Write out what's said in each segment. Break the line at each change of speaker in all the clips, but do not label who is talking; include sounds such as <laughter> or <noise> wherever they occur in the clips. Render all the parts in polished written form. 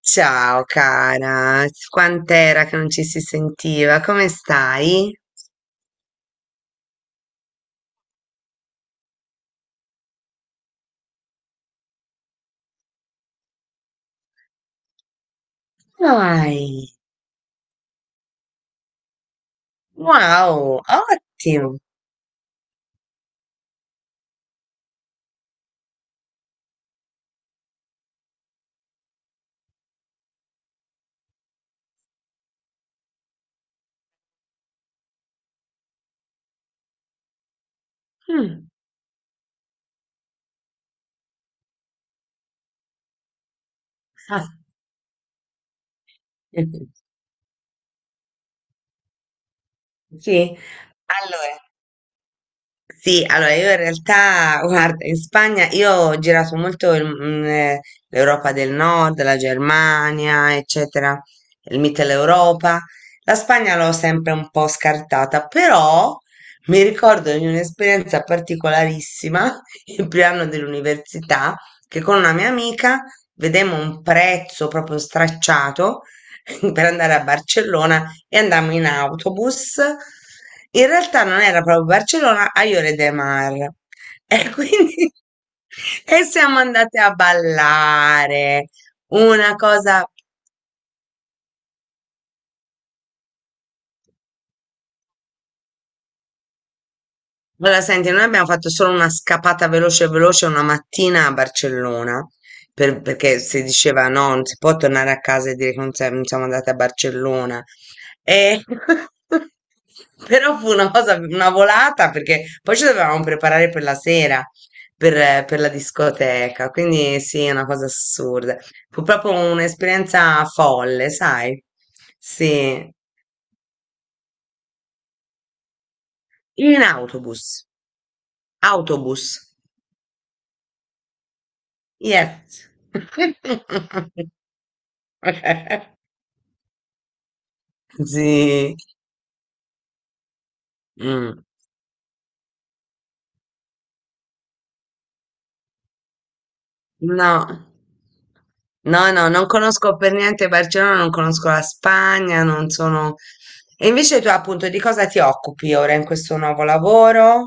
Ciao cara, quant'era che non ci si sentiva? Come stai? Dai, wow, ottimo. Mm. Ah, <laughs> Sì, allora, sì, allora io in realtà, <laughs> guarda, in Spagna io ho girato molto l'Europa del Nord, la Germania, eccetera, il Mitteleuropa. La Spagna l'ho sempre un po' scartata, però mi ricordo di un'esperienza particolarissima <laughs> il primo anno dell'università, che con una mia amica vedemmo un prezzo proprio stracciato <laughs> per andare a Barcellona e andammo in autobus. In realtà non era proprio Barcellona, a Lloret de Mar. E quindi <laughs> e siamo andate a ballare, una cosa. Allora, senti, noi abbiamo fatto solo una scappata veloce veloce una mattina a Barcellona, perché si diceva no, non si può tornare a casa e dire che non siamo andate a Barcellona. E... <laughs> Però fu una cosa, una volata, perché poi ci dovevamo preparare per la sera, per la discoteca, quindi sì, è una cosa assurda. Fu proprio un'esperienza folle, sai? Sì, in autobus, autobus. Yes. <laughs> Sì. Mm. No. No, no, non conosco per niente Barcellona, non conosco la Spagna, non sono... E invece tu appunto di cosa ti occupi ora in questo nuovo lavoro?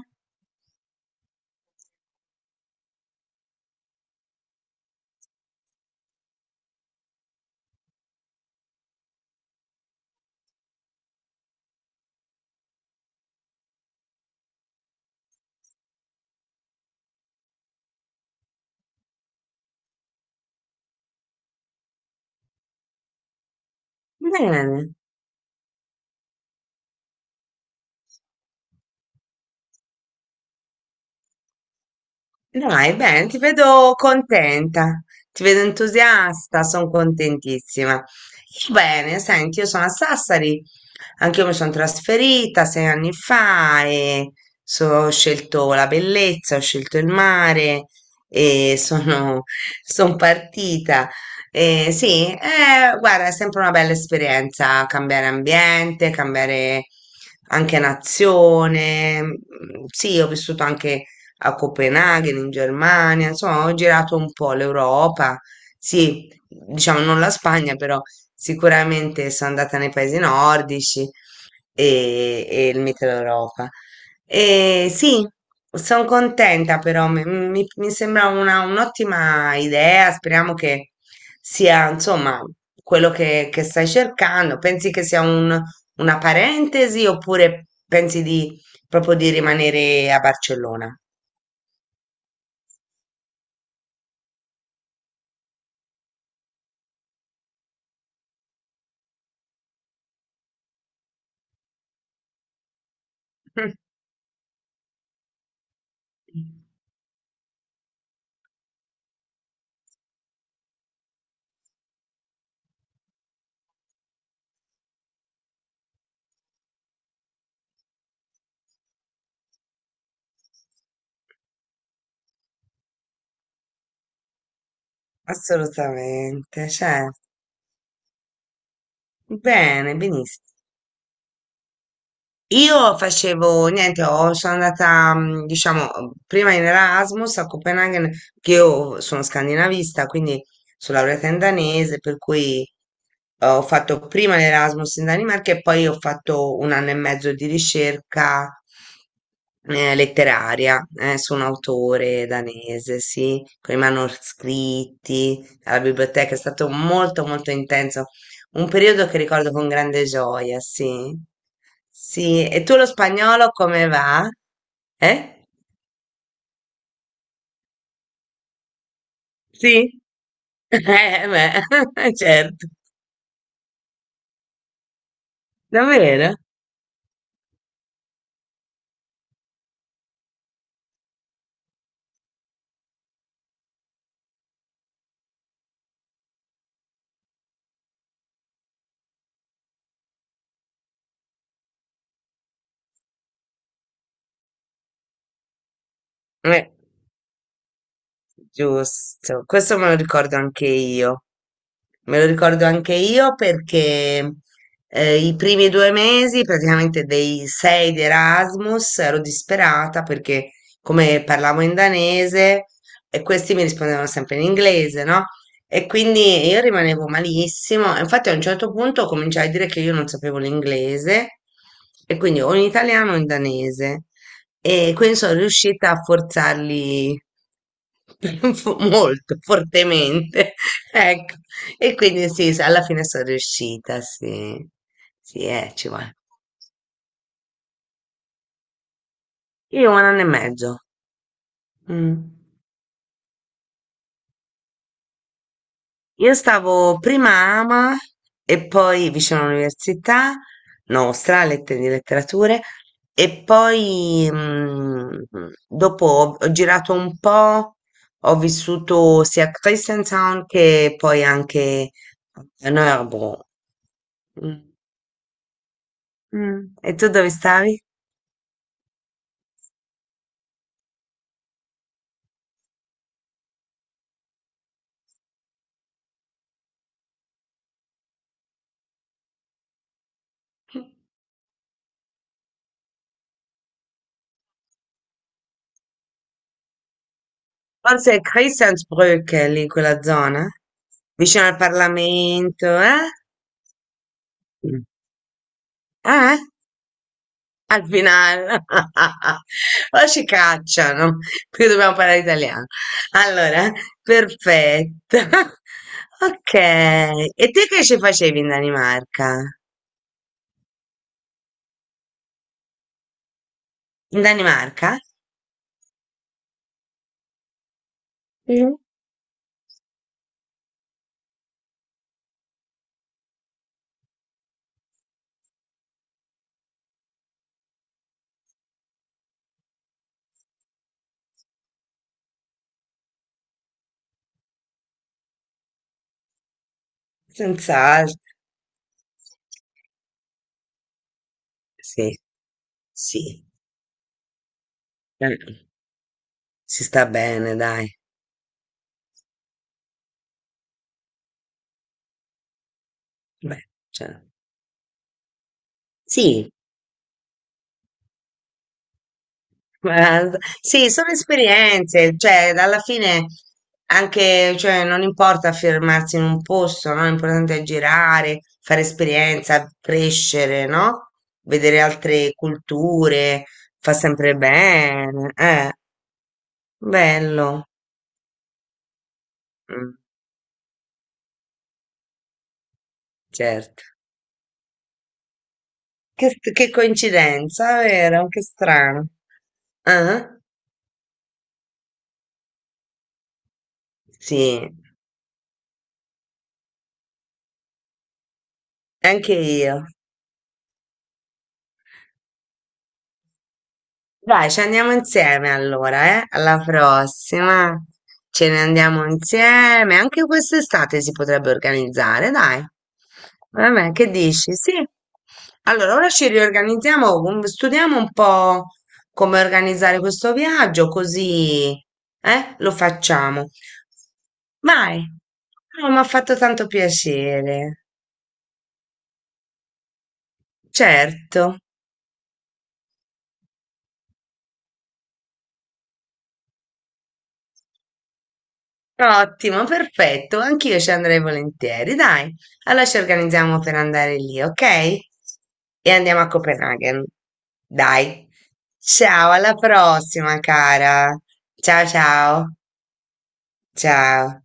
Bene, dai, bene, ti vedo contenta, ti vedo entusiasta, sono contentissima. Bene, senti, io sono a Sassari. Anch'io mi sono trasferita 6 anni fa e ho scelto la bellezza, ho scelto il mare e sono, <laughs> son partita. Sì, guarda, è sempre una bella esperienza cambiare ambiente, cambiare anche nazione. Mm, sì, ho vissuto anche a Copenaghen, in Germania, insomma, ho girato un po' l'Europa. Sì, diciamo non la Spagna, però sicuramente sono andata nei paesi nordici e il Mittel Europa. E sì, sono contenta però, mi sembra un'ottima idea, speriamo che sia insomma quello che stai cercando. Pensi che sia una parentesi oppure pensi di proprio di rimanere a Barcellona? <laughs> Assolutamente, cioè, bene, benissimo. Io facevo niente, sono andata, mm, diciamo, prima in Erasmus a Copenaghen, che io sono scandinavista, quindi sono laureata in danese, per cui ho fatto prima l'Erasmus in Danimarca e poi ho fatto 1 anno e mezzo di ricerca letteraria su un autore danese, sì, con i manoscritti alla biblioteca. È stato molto molto intenso un periodo che ricordo con grande gioia, sì. Sì, e tu lo spagnolo come va? Eh? Sì? <laughs> Beh, <laughs> certo, davvero? Eh. Giusto, questo me lo ricordo anche io. Me lo ricordo anche io perché i primi 2 mesi, praticamente dei 6 di Erasmus, ero disperata perché come parlavo in danese e questi mi rispondevano sempre in inglese, no? E quindi io rimanevo malissimo. E infatti a un certo punto cominciai a dire che io non sapevo l'inglese e quindi o in italiano o in danese. E quindi sono riuscita a forzarli <laughs> molto fortemente. <laughs> Ecco. E quindi sì, alla fine sono riuscita, sì. Sì, ci vuole. Io 1 anno e mezzo. Mm. Io stavo prima a Ama e poi vicino all'università nostra, Lettere di Letterature, e poi mm, dopo ho girato un po', ho vissuto sia a Christiansand che poi anche a Nørrebro. Mm. Mm. E tu dove stavi? Forse è Christiansbrück, lì in quella zona, vicino al Parlamento, eh? Mm. Ah, eh? Al final, <laughs> o ci cacciano, perché dobbiamo parlare italiano. Allora, perfetto. <laughs> Ok, e te che ci facevi in Danimarca? In Danimarca? Mhm. Senz'altro. Sì, sì, eh, si sta bene, dai. Beh, cioè, sì, guarda, sì, sono esperienze, cioè alla fine anche, cioè, non importa fermarsi in un posto, no? L'importante è girare, fare esperienza, crescere, no? Vedere altre culture, fa sempre bene, bello. Mm, certo. Che coincidenza, vero? Che strano. Ah, sì, anche io. Dai, ci andiamo insieme allora, eh? Alla prossima. Ce ne andiamo insieme. Anche quest'estate si potrebbe organizzare, dai. Vabbè, che dici? Sì. Allora, ora ci riorganizziamo, studiamo un po' come organizzare questo viaggio, così, eh? Lo facciamo. Vai. Oh, mi ha fatto tanto piacere. Certo. Ottimo, perfetto, anch'io ci andrei volentieri, dai. Allora ci organizziamo per andare lì, ok? E andiamo a Copenaghen. Dai. Ciao, alla prossima, cara. Ciao, ciao. Ciao.